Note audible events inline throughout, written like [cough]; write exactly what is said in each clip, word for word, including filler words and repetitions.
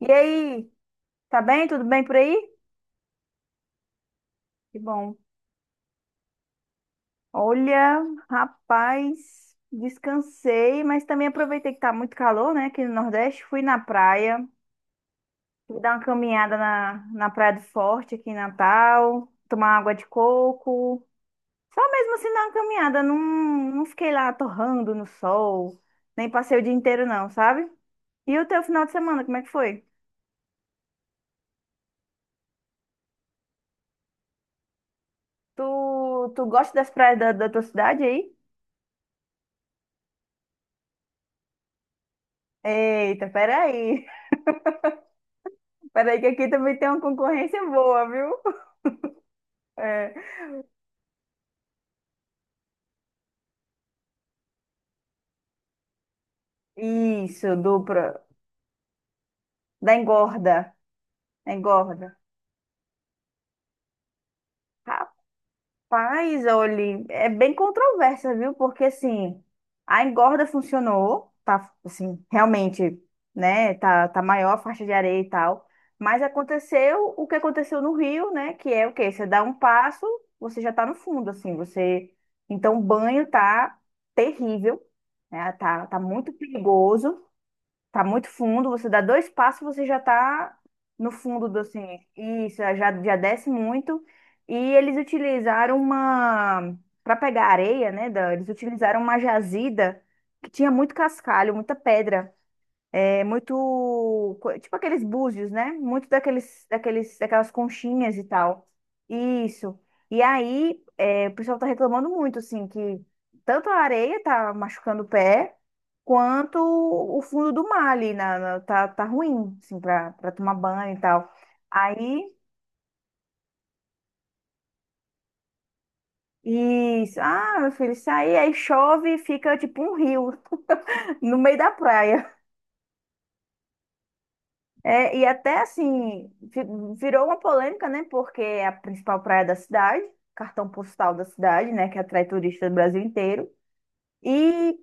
E aí, tá bem? Tudo bem por aí? Que bom. Olha, rapaz, descansei, mas também aproveitei que tá muito calor, né, aqui no Nordeste. Fui na praia, fui dar uma caminhada na, na Praia do Forte, aqui em Natal, tomar água de coco. Só mesmo assim dar uma caminhada, não, não fiquei lá torrando no sol, nem passei o dia inteiro não, sabe? E o teu final de semana, como é que foi? Tu, tu gosta das praias da, da tua cidade aí? Eita, peraí. Peraí, que aqui também tem uma concorrência boa, viu? É. Isso, dupla. Da engorda. Da engorda. Rapaz, olha, é bem controversa, viu? Porque assim, a engorda funcionou, tá assim, realmente, né? Tá, tá maior a faixa de areia e tal. Mas aconteceu o que aconteceu no Rio, né? Que é o quê? Você dá um passo, você já tá no fundo, assim, você. Então, o banho tá terrível, né? Tá, tá muito perigoso. Tá muito fundo, você dá dois passos, você já tá no fundo do assim. Isso, já, já desce muito. E eles utilizaram uma. Para pegar areia, né? Da- eles utilizaram uma jazida que tinha muito cascalho, muita pedra. É muito, co- tipo aqueles búzios, né? Muito daqueles, daqueles, daquelas conchinhas e tal. Isso. E aí, é, o pessoal tá reclamando muito, assim, que tanto a areia tá machucando o pé, quanto o fundo do mar ali, na, na- tá, tá ruim, assim, pra, pra tomar banho e tal. Aí, isso. Ah, meu filho, isso aí, aí chove e fica tipo um rio [laughs] no meio da praia. É, e até assim, vi- virou uma polêmica, né? Porque é a principal praia da cidade, cartão postal da cidade, né? Que atrai turistas do Brasil inteiro. E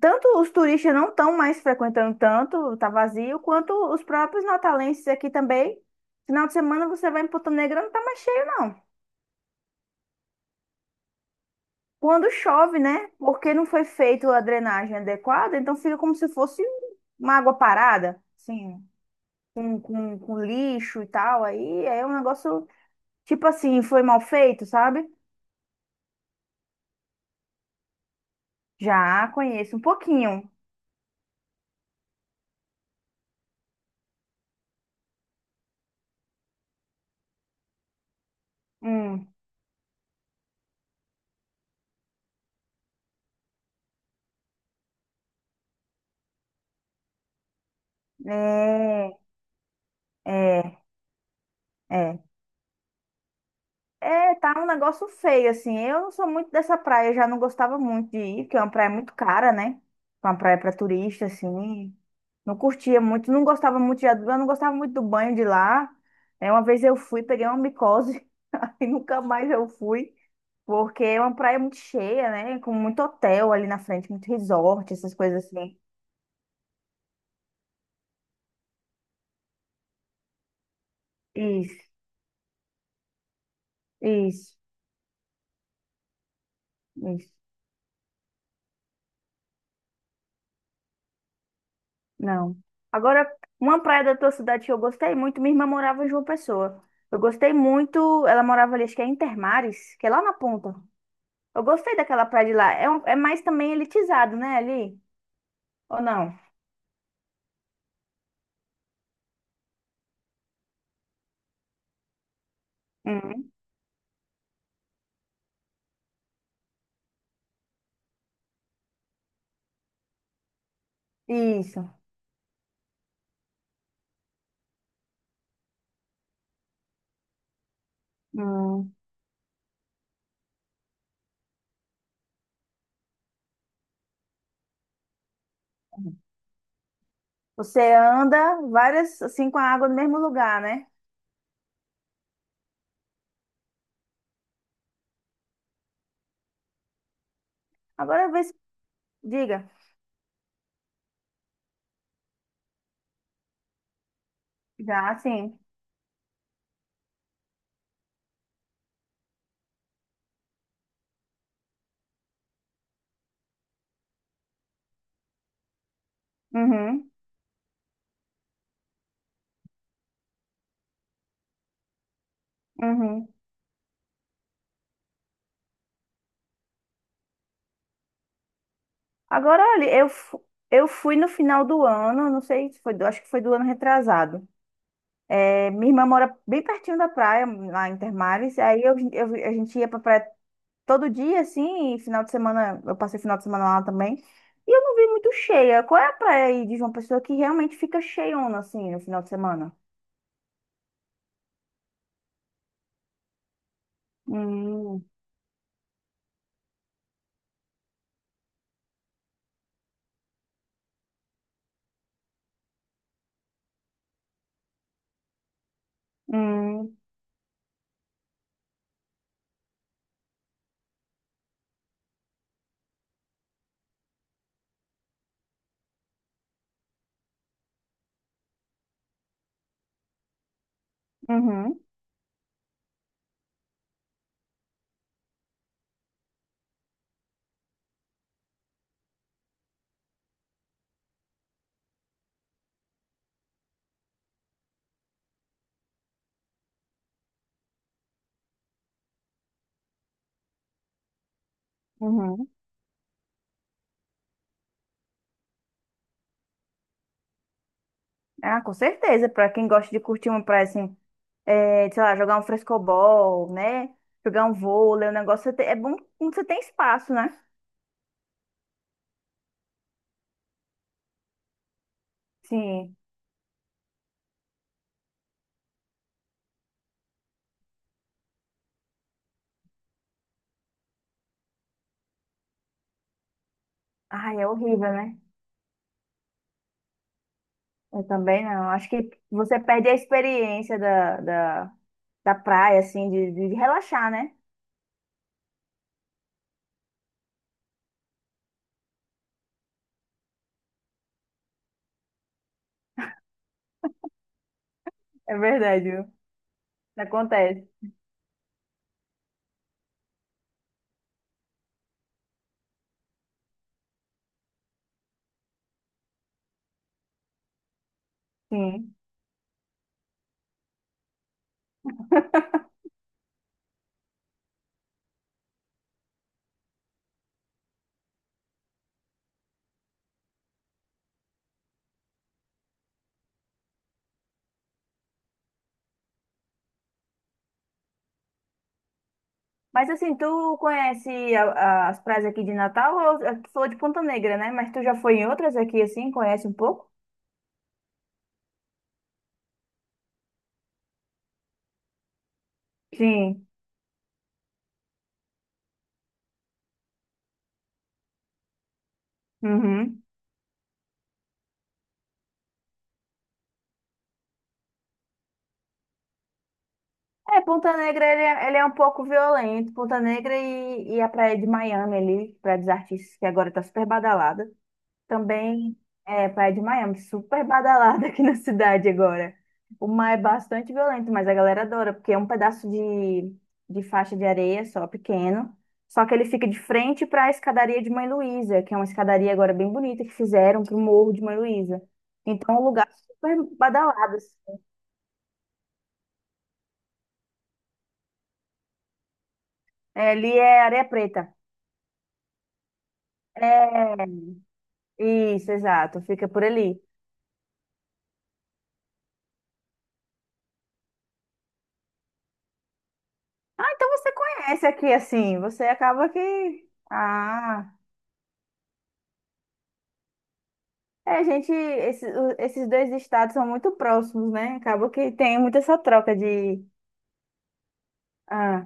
tanto os turistas não estão mais frequentando tanto, tá vazio, quanto os próprios natalenses aqui também. Final de semana você vai em Ponta Negra, não tá mais cheio, não. Quando chove, né? Porque não foi feita a drenagem adequada, então fica como se fosse uma água parada, assim, com, com, com lixo e tal. Aí é um negócio. Tipo assim, foi mal feito, sabe? Já conheço um pouquinho. Hum, é, é, é. É, tá um negócio feio, assim. Eu não sou muito dessa praia, já não gostava muito de ir, porque é uma praia muito cara, né? É uma praia pra turista, assim. Não curtia muito, não gostava muito de, eu não gostava muito do banho de lá. É, uma vez eu fui, peguei uma micose, [laughs] aí nunca mais eu fui, porque é uma praia muito cheia, né? Com muito hotel ali na frente, muito resort, essas coisas assim. Isso, isso. Isso, não. Agora, uma praia da tua cidade que eu gostei muito, minha irmã morava em João Pessoa. Eu gostei muito, ela morava ali, acho que é em Termares, que é lá na ponta. Eu gostei daquela praia de lá. É, um- é mais também elitizado, né, ali? Ou não? Uhum. Isso. Hum. Você anda várias, assim, com a água no mesmo lugar, né? Agora, vê se. Diga. Já, sim. Uhum, uhum. Agora, olha, eu, fu- eu fui no final do ano, não sei se foi, do- acho que foi do ano retrasado. É, minha irmã mora bem pertinho da praia, lá em Termares. Aí eu, eu- a gente ia pra praia todo dia, assim, e final de semana, eu passei final de semana lá também. E eu não vi muito cheia. Qual é a praia aí de João Pessoa que realmente fica cheiona, assim, no final de semana? Hum, hum, uhum, uhum. Ah, com certeza, pra quem gosta de curtir uma praia, assim, é, sei lá, jogar um frescobol, né? Jogar um vôlei, o negócio, você tem- é bom quando você tem espaço, né? Sim. Ai, é horrível, né? Eu também não. Acho que você perde a experiência da, da, da praia, assim, de, de relaxar, né? É verdade, viu? Acontece. Sim. [laughs] Mas assim, tu conhece a- a- as praias aqui de Natal? Ou, tu falou de Ponta Negra, né? Mas tu já foi em outras aqui, assim? Conhece um pouco? Sim. Uhum. É, Ponta Negra, ele é, ele é, um pouco violento. Ponta Negra e, e a praia de Miami ali, praia dos artistas, que agora tá super badalada. Também é Praia de Miami, super badalada aqui [laughs] na cidade agora. O mar é bastante violento, mas a galera adora, porque é um pedaço de, de faixa de areia só, pequeno. Só que ele fica de frente para a escadaria de Mãe Luísa, que é uma escadaria agora bem bonita que fizeram para o Morro de Mãe Luísa. Então, é um lugar super badalado, assim. É, ali é Areia Preta. É, isso, exato, fica por ali. Ah, então você conhece aqui, assim, você acaba que. Ah. É, a gente, esse- o- esses dois estados são muito próximos, né? Acaba que tem muita essa troca de, ah,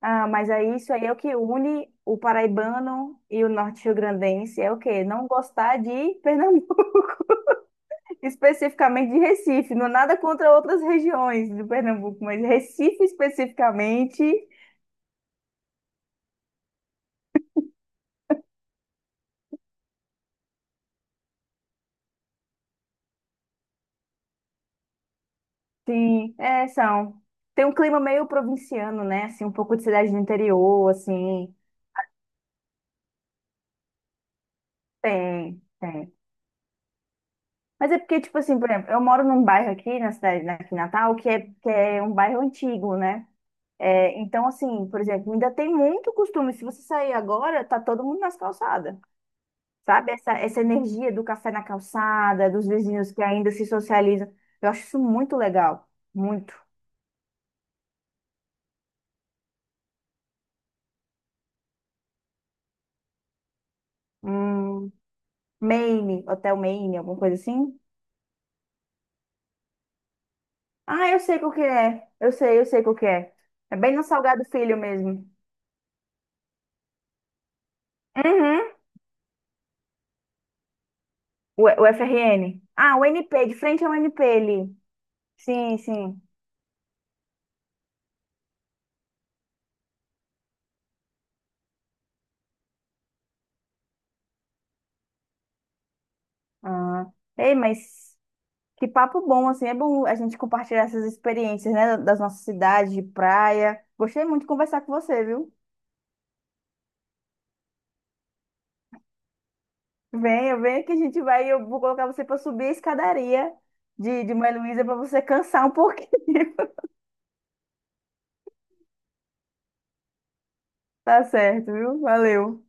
ah, mas aí isso aí é o que une o paraibano e o norte-riograndense, é o quê? Não gostar de Pernambuco, [laughs] especificamente de Recife, não nada contra outras regiões do Pernambuco, mas Recife especificamente, sim, é, são. Tem um clima meio provinciano, né? Assim, um pouco de cidade do interior, assim, tem. tem. Mas é porque, tipo assim, por exemplo, eu moro num bairro aqui na cidade, né, aqui em Natal, que é, que é um bairro antigo, né? É, então, assim, por exemplo, ainda tem muito costume. Se você sair agora, tá todo mundo nas calçadas, sabe? Essa, essa energia do café na calçada, dos vizinhos que ainda se socializam. Eu acho isso muito legal. Muito. Hum, Maine, Hotel Maine, alguma coisa assim. Ah, eu sei qual que é. Eu sei, eu sei qual que é. É bem no Salgado Filho mesmo. Uhum. O, o F R N. Ah, o N P, de frente ao N P ali. Sim, sim. Ah. Ei, mas que papo bom, assim. É bom a gente compartilhar essas experiências, né? Das nossas cidades, de praia. Gostei muito de conversar com você, viu? Venha, venha que a gente vai. Eu vou colocar você para subir a escadaria de, de Mãe Luísa para você cansar um pouquinho. [laughs] Tá certo, viu? Valeu.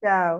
Tchau.